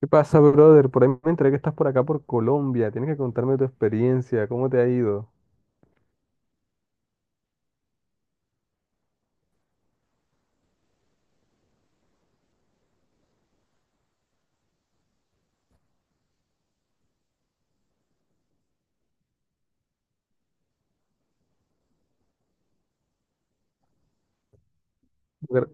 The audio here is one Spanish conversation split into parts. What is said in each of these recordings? ¿Qué pasa, brother? Por ahí me enteré que estás por acá por Colombia. Tienes que contarme tu experiencia, cómo te ha ido. Bucar-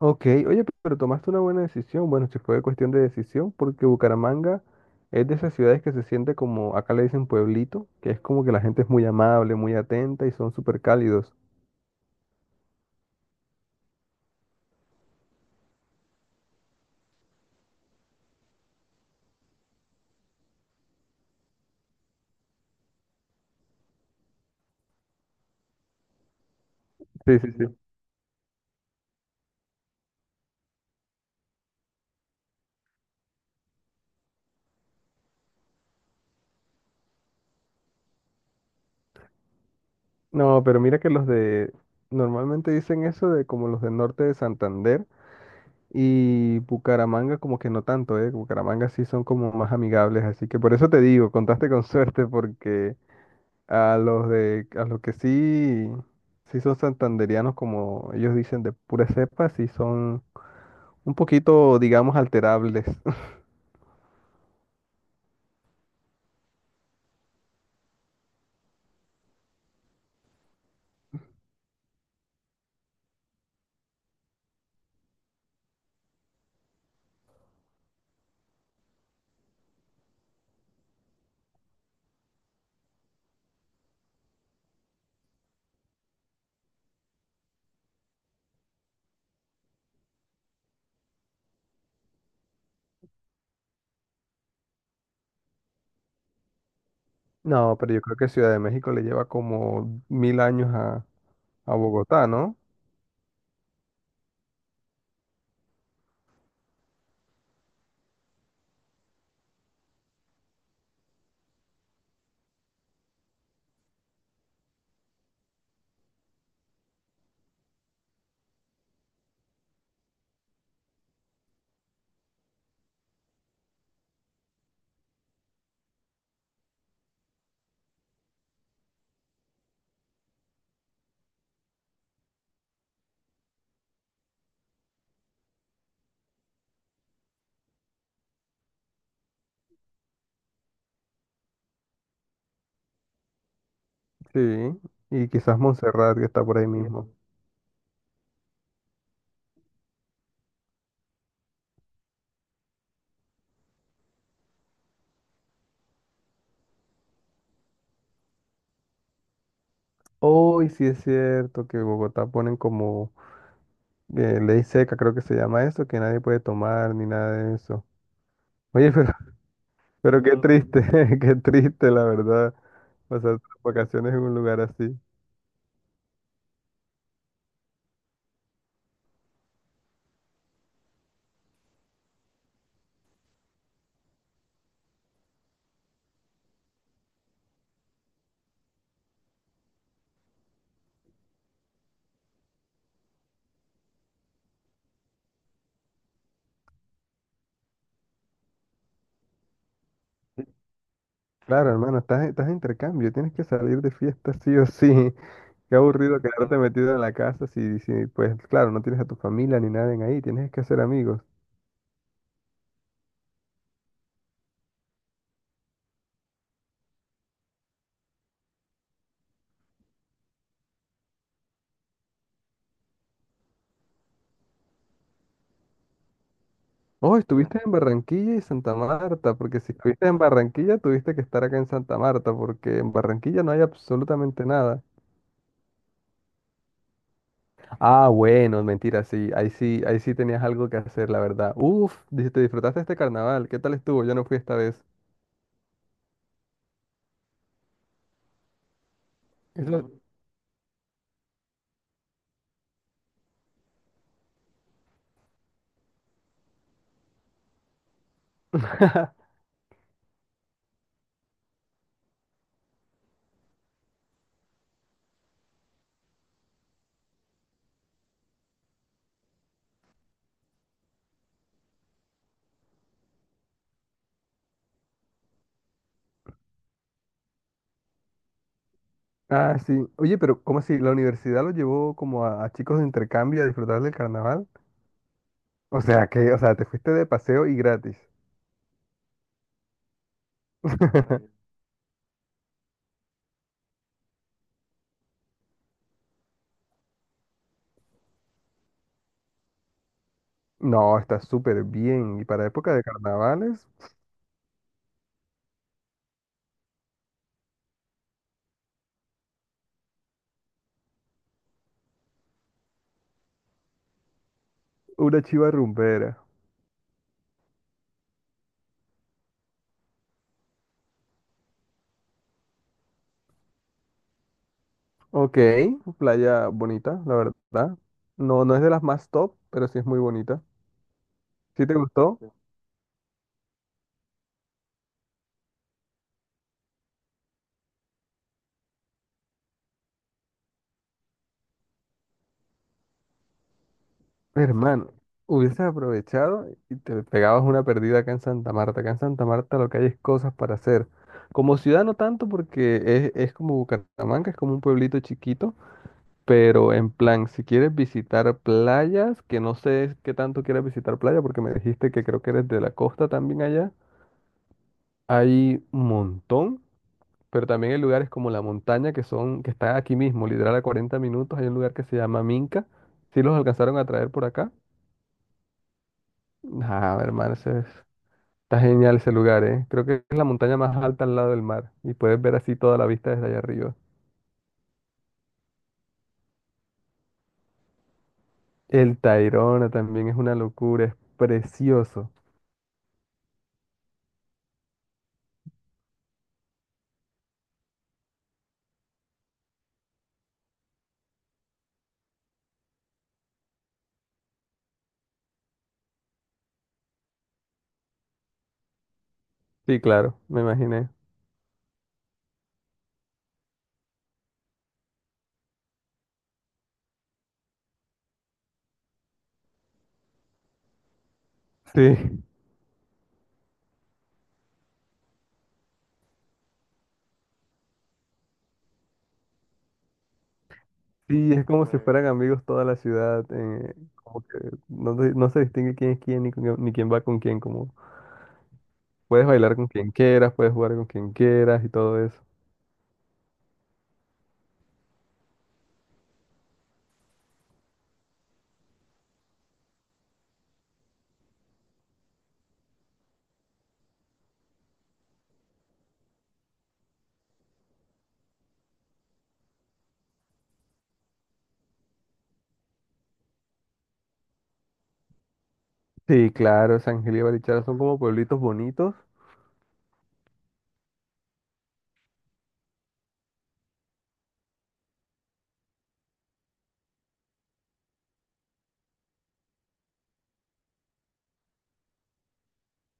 Ok, oye, pero tomaste una buena decisión. Bueno, si fue cuestión de decisión, porque Bucaramanga es de esas ciudades que se siente como, acá le dicen pueblito, que es como que la gente es muy amable, muy atenta y son súper cálidos. Sí, sí, sí. No, pero mira que los de, normalmente dicen eso de como los del norte de Santander. Y Bucaramanga como que no tanto, ¿eh? Bucaramanga sí son como más amigables, así que por eso te digo, contaste con suerte porque a los que sí son santandereanos, como ellos dicen, de pura cepa, sí son un poquito, digamos, alterables. No, pero yo creo que Ciudad de México le lleva como mil años a Bogotá, ¿no? Sí, y quizás Montserrat que está por ahí mismo. Hoy sí es cierto que Bogotá ponen como ley seca, creo que se llama eso, que nadie puede tomar ni nada de eso. Oye, pero, pero qué triste, qué triste, la verdad, pasar tus vacaciones en un lugar así. Claro, hermano, estás de intercambio, tienes que salir de fiesta sí o sí. Qué aburrido quedarte metido en la casa pues claro, no tienes a tu familia ni nadie en ahí, tienes que hacer amigos. Oh, estuviste en Barranquilla y Santa Marta, porque si estuviste en Barranquilla, tuviste que estar acá en Santa Marta, porque en Barranquilla no hay absolutamente nada. Ah, bueno, mentira, sí, ahí sí, ahí sí tenías algo que hacer, la verdad. Uf, di- te disfrutaste este carnaval, ¿qué tal estuvo? Yo no fui esta vez. Eso- Ah, sí. Oye, pero ¿cómo así? ¿La universidad lo llevó como a chicos de intercambio a disfrutar del carnaval? O sea, que, o sea, te fuiste de paseo y gratis. No, está súper bien. Y para época de carnavales, una chiva rumbera. Ok, playa bonita, la verdad. No, no es de las más top, pero sí es muy bonita. ¿Sí te gustó? Hermano, hubieses aprovechado y te pegabas una perdida acá en Santa Marta. Acá en Santa Marta lo que hay es cosas para hacer. Como ciudad no tanto porque es como Bucaramanga, es como un pueblito chiquito, pero en plan, si quieres visitar playas, que no sé qué tanto quieres visitar playa porque me dijiste que creo que eres de la costa también allá, hay un montón, pero también hay lugares como la montaña que son, que está aquí mismo, literal a 40 minutos, hay un lugar que se llama Minca. ¿Si los alcanzaron a traer por acá? Ah, hermano, ese es- está genial ese lugar, ¿eh? Creo que es la montaña más alta al lado del mar y puedes ver así toda la vista desde allá arriba. El Tayrona también es una locura, es precioso. Sí, claro, me imaginé. Sí, sí, es como si bueno, fueran amigos toda la ciudad, como que no, se no se distingue quién es quién ni, con- quién- ni quién va con quién, como puedes bailar con quien quieras, puedes jugar con quien quieras y todo eso. Sí, claro, San Gil y Barichara son como pueblitos bonitos.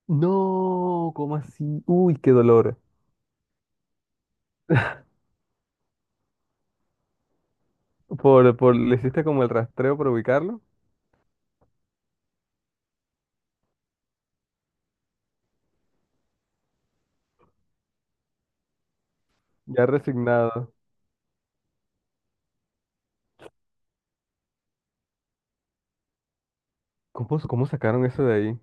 No, ¿cómo así? Uy, qué dolor. Le hiciste como el rastreo para ubicarlo, ya resignado. ¿Cómo sacaron eso de ahí?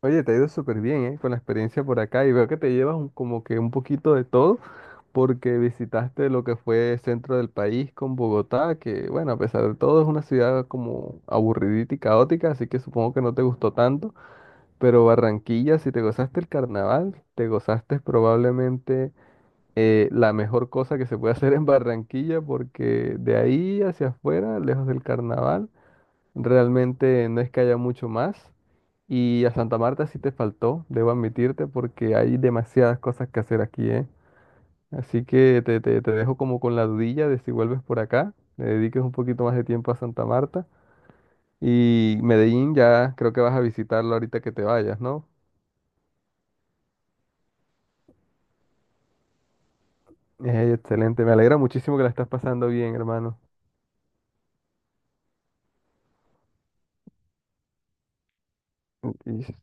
Oye, te ha ido súper bien, ¿eh? Con la experiencia por acá y veo que te llevas un- como que un poquito de todo porque visitaste lo que fue centro del país con Bogotá, que bueno, a pesar de todo es una ciudad como aburridita y caótica, así que supongo que no te gustó tanto, pero Barranquilla, si te gozaste el carnaval, te gozaste probablemente la mejor cosa que se puede hacer en Barranquilla, porque de ahí hacia afuera, lejos del carnaval, realmente no es que haya mucho más. Y a Santa Marta sí te faltó, debo admitirte, porque hay demasiadas cosas que hacer aquí, ¿eh? Así que te- te dejo como con la dudilla de si vuelves por acá, le dediques un poquito más de tiempo a Santa Marta. Y Medellín ya creo que vas a visitarlo ahorita que te vayas, ¿no? Excelente, me alegra muchísimo que la estás pasando bien, hermano. Y